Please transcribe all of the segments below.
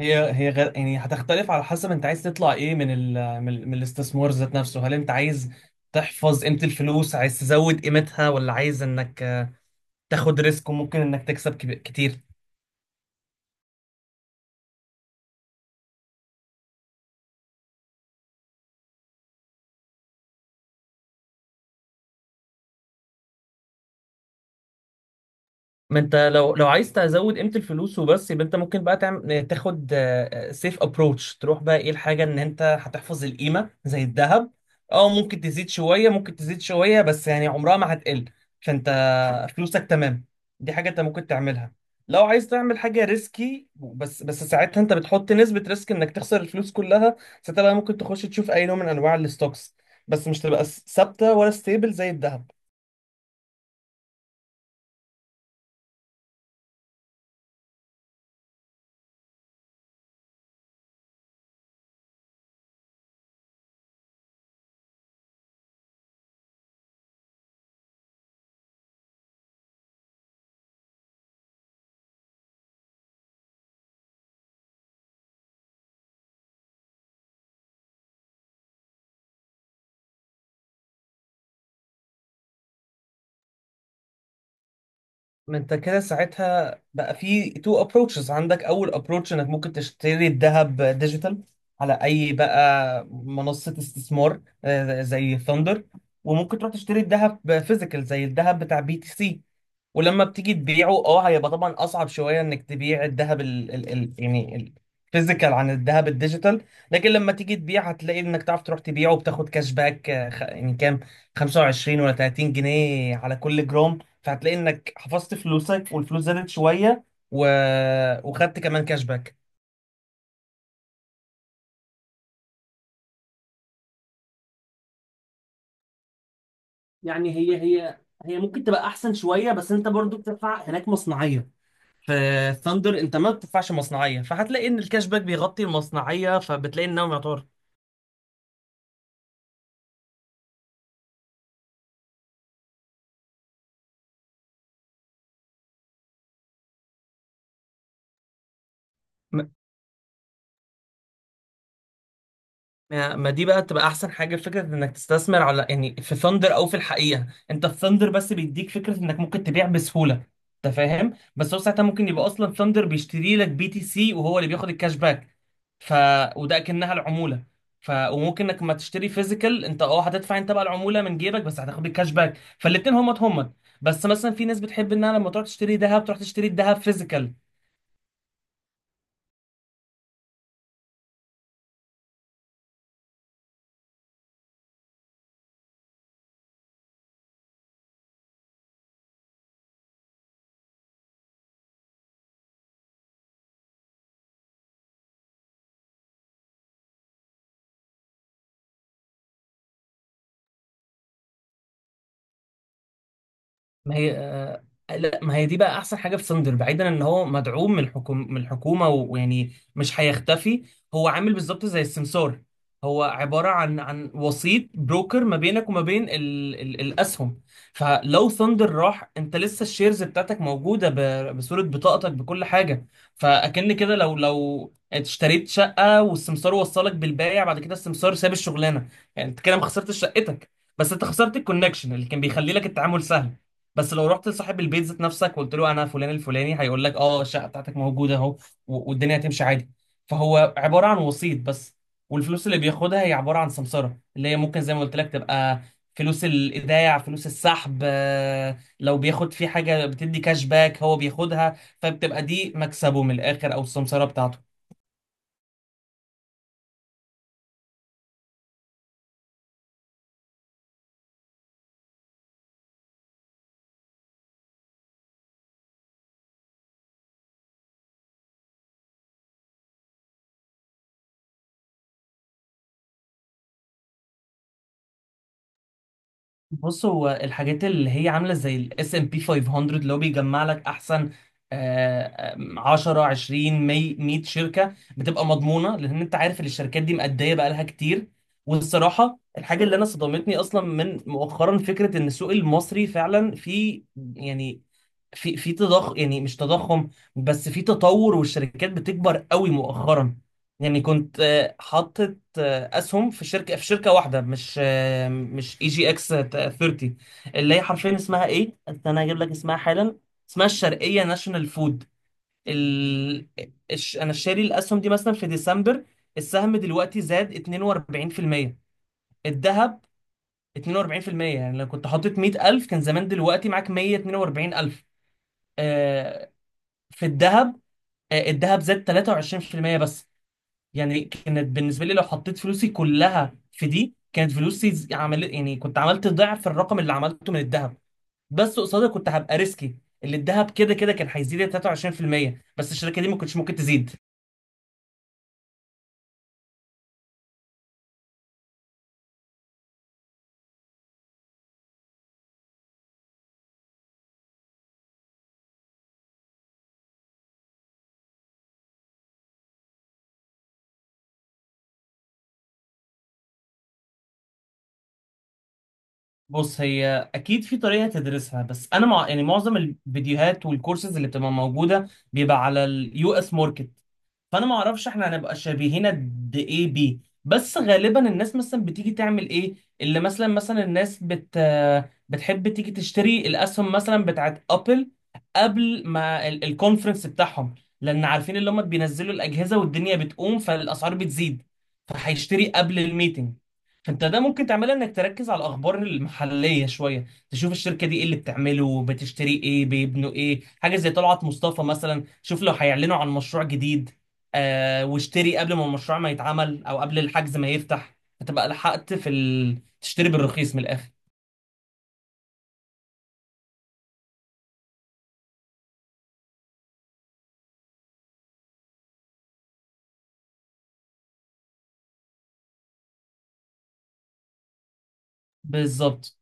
هي غير يعني هتختلف على حسب انت عايز تطلع ايه من الاستثمار ذات نفسه. هل انت عايز تحفظ قيمة الفلوس، عايز تزود قيمتها، ولا عايز انك تاخد ريسك وممكن انك تكسب كتير؟ ما انت لو عايز تزود قيمه الفلوس وبس، يبقى انت ممكن بقى تعمل تاخد سيف ابروتش. تروح بقى ايه الحاجه، ان انت هتحفظ القيمه زي الذهب. اه، ممكن تزيد شويه، ممكن تزيد شويه، بس يعني عمرها ما هتقل. فانت فلوسك تمام. دي حاجه انت ممكن تعملها. لو عايز تعمل حاجه ريسكي، بس ساعتها انت بتحط نسبه ريسك انك تخسر الفلوس كلها. ساعتها بقى ممكن تخش تشوف اي نوع من انواع الستوكس، بس مش تبقى ثابته ولا ستيبل زي الذهب. ما انت كده ساعتها بقى في تو ابروتشز. عندك اول ابروتش انك ممكن تشتري الذهب ديجيتال على اي بقى منصة استثمار، زي ثاندر. وممكن تروح تشتري الذهب فيزيكال زي الذهب بتاع بي تي سي. ولما بتيجي تبيعه، اه، هيبقى طبعا اصعب شوية انك تبيع الذهب ال يعني الفيزيكال عن الذهب الديجيتال. لكن لما تيجي تبيع هتلاقي انك تعرف تروح تبيعه وبتاخد كاش باك، يعني كام، 25 ولا 30 جنيه على كل جرام. فهتلاقي انك حفظت فلوسك والفلوس زادت شويه، و... وخدت كمان كاش باك. يعني هي ممكن تبقى احسن شويه، بس انت برضو بتدفع هناك مصنعيه. في ثاندر انت ما بتدفعش مصنعيه، فهتلاقي ان الكاش باك بيغطي المصنعيه، فبتلاقي انه يعتبر. ما ما دي بقى تبقى احسن حاجه، فكره انك تستثمر على يعني في ثاندر، او في الحقيقه انت في ثاندر بس بيديك فكره انك ممكن تبيع بسهوله. انت فاهم؟ بس هو ساعتها ممكن يبقى اصلا ثاندر بيشتري لك بي تي سي وهو اللي بياخد الكاش باك. ف وده اكنها العموله. وممكن انك ما تشتري فيزيكال. انت، هتدفع انت بقى العموله من جيبك بس هتاخد الكاش باك، فالاتنين همت همت. بس مثلا في ناس بتحب انها لما تروح تشتري ذهب، تروح تشتري الذهب فيزيكال. ما هي لا، ما هي دي بقى احسن حاجه في ساندر، بعيدا ان هو مدعوم من الحكومه من الحكومه، و- ويعني مش هيختفي. هو عامل بالظبط زي السمسار. هو عباره عن وسيط، بروكر ما بينك وما بين ال الاسهم. فلو ثاندر راح انت لسه الشيرز بتاعتك موجوده، بصوره، بطاقتك، بكل حاجه. فاكن كده، لو اشتريت شقه والسمسار وصلك بالبايع، بعد كده السمسار ساب الشغلانه. يعني انت كده ما خسرتش شقتك، بس انت خسرت الكونكشن اللي كان بيخلي لك التعامل سهل. بس لو رحت لصاحب البيت ذات نفسك وقلت له انا فلان الفلاني، هيقول لك اه، الشقه بتاعتك موجوده اهو، و- والدنيا هتمشي عادي. فهو عباره عن وسيط بس. والفلوس اللي بياخدها هي عباره عن سمسره، اللي هي ممكن زي ما قلت لك تبقى فلوس الايداع، فلوس السحب، لو بياخد في حاجه بتدي كاش باك هو بياخدها. فبتبقى دي مكسبه من الاخر، او السمسره بتاعته. بص، هو الحاجات اللي هي عامله زي الاس ام بي 500، اللي هو بيجمع لك احسن آه، آم، 10 20 100 100 شركه، بتبقى مضمونه لان انت عارف ان الشركات دي مأديه بقالها كتير. والصراحه، الحاجه اللي انا صدمتني اصلا من مؤخرا، فكره ان السوق المصري فعلا في، يعني في تضخم، يعني مش تضخم، بس في تطور والشركات بتكبر قوي مؤخرا. يعني كنت حاطط اسهم في شركه واحده. مش اي جي اكس 30. اللي هي حرفيا اسمها ايه، انا هجيب لك اسمها حالا. اسمها الشرقيه ناشونال فود. ال... انا شاري الاسهم دي مثلا في ديسمبر. السهم دلوقتي زاد 42%. الذهب. 42% يعني لو كنت حاطط 100,000 كان زمان دلوقتي معاك 142,000، آه، في الذهب. الذهب زاد 23% بس. يعني كانت بالنسبه لي لو حطيت فلوسي كلها في دي كانت فلوسي عمل، يعني كنت عملت ضعف الرقم اللي عملته من الذهب. بس قصادها كنت هبقى ريسكي. اللي الذهب كده كده كان هيزيد 23% بس، الشركه دي ما كنتش ممكن تزيد. بص، هي اكيد في طريقه تدرسها. بس انا يعني معظم الفيديوهات والكورسز اللي بتبقى موجوده بيبقى على اليو اس ماركت. فانا ما اعرفش احنا هنبقى شبيهين قد ايه بيه. بس غالبا الناس مثلا بتيجي تعمل ايه؟ اللي مثلا الناس بتحب تيجي تشتري الاسهم مثلا بتاعت ابل قبل ما الكونفرنس بتاعهم، لان عارفين اللي هم بينزلوا الاجهزه والدنيا بتقوم فالاسعار بتزيد. فهيشتري قبل الميتنج. انت ده ممكن تعملها، انك تركز على الاخبار المحليه شويه، تشوف الشركه دي ايه اللي بتعمله، بتشتري ايه، بيبنوا ايه، حاجه زي طلعت مصطفى مثلا. شوف لو هيعلنوا عن مشروع جديد، آه، واشتري قبل ما المشروع ما يتعمل، او قبل الحجز ما يفتح، هتبقى لحقت في تشتري بالرخيص من الاخر. بالظبط.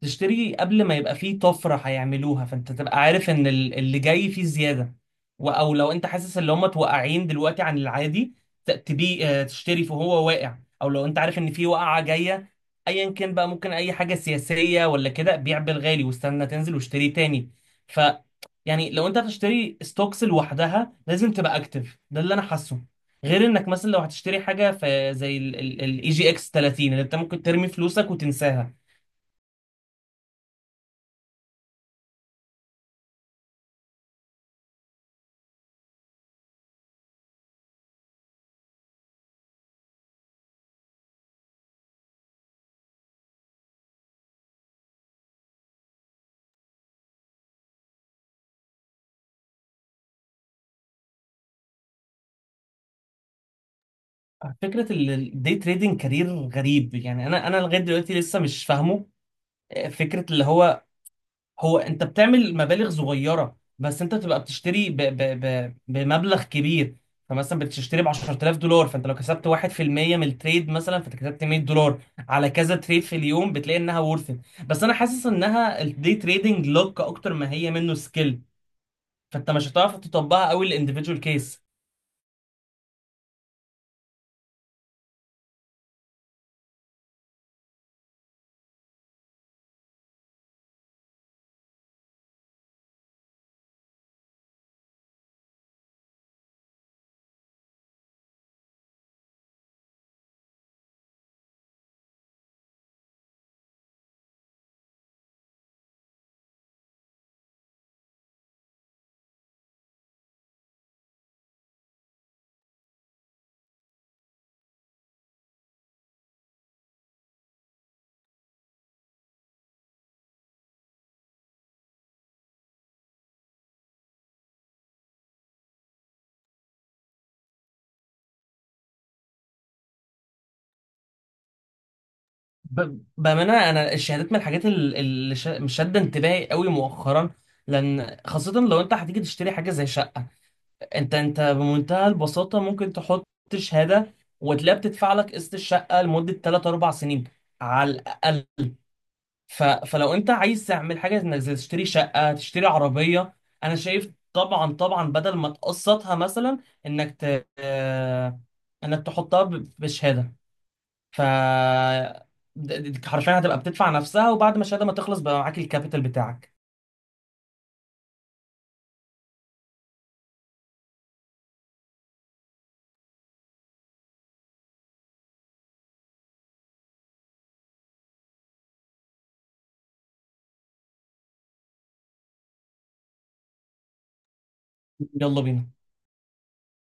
تشتري قبل ما يبقى فيه طفرة هيعملوها، فانت تبقى عارف ان اللي جاي فيه زيادة. او لو انت حاسس ان هم توقعين دلوقتي عن العادي، تبي تشتري، فهو واقع، او لو انت عارف ان في وقعة جاية، ايا كان بقى، ممكن اي حاجة سياسية ولا كده، بيع بالغالي واستنى تنزل واشتري تاني. ف يعني لو انت هتشتري ستوكس لوحدها لازم تبقى اكتف، ده اللي انا حاسه. غير انك مثلا لو هتشتري حاجة في زي الاي جي اكس 30، اللي انت ممكن ترمي فلوسك وتنساها. فكرة الدي تريدنج كارير غريب يعني، انا لغاية دلوقتي لسه مش فاهمه. فكرة اللي هو انت بتعمل مبالغ صغيرة بس انت بتبقى بتشتري ب ب ب بمبلغ كبير. فمثلا بتشتري ب $10,000، فانت لو كسبت 1% من التريد مثلا، فانت كسبت $100. على كذا تريد في اليوم بتلاقي انها ورث. بس انا حاسس انها الدي تريدنج لوك اكتر ما هي منه سكيل. فانت مش هتعرف تطبقها قوي الانديفيدوال كيس. بأمانة، أنا الشهادات من الحاجات اللي مش شادة انتباهي قوي مؤخرا. لأن خاصة لو أنت هتيجي تشتري حاجة زي شقة، أنت بمنتهى البساطة ممكن تحط شهادة وتلاقيها بتدفع لك قسط الشقة لمدة 3 4 سنين على الأقل. فلو أنت عايز تعمل حاجة إنك زي تشتري شقة، تشتري عربية، أنا شايف طبعا طبعا بدل ما تقسطها مثلا، إنك ت... آه، إنك تحطها بشهادة. ف د- حرفيا هتبقى بتدفع نفسها، وبعد ما الشهاده ما تخلص بقى معاك الكابيتال بتاعك. يلا بينا.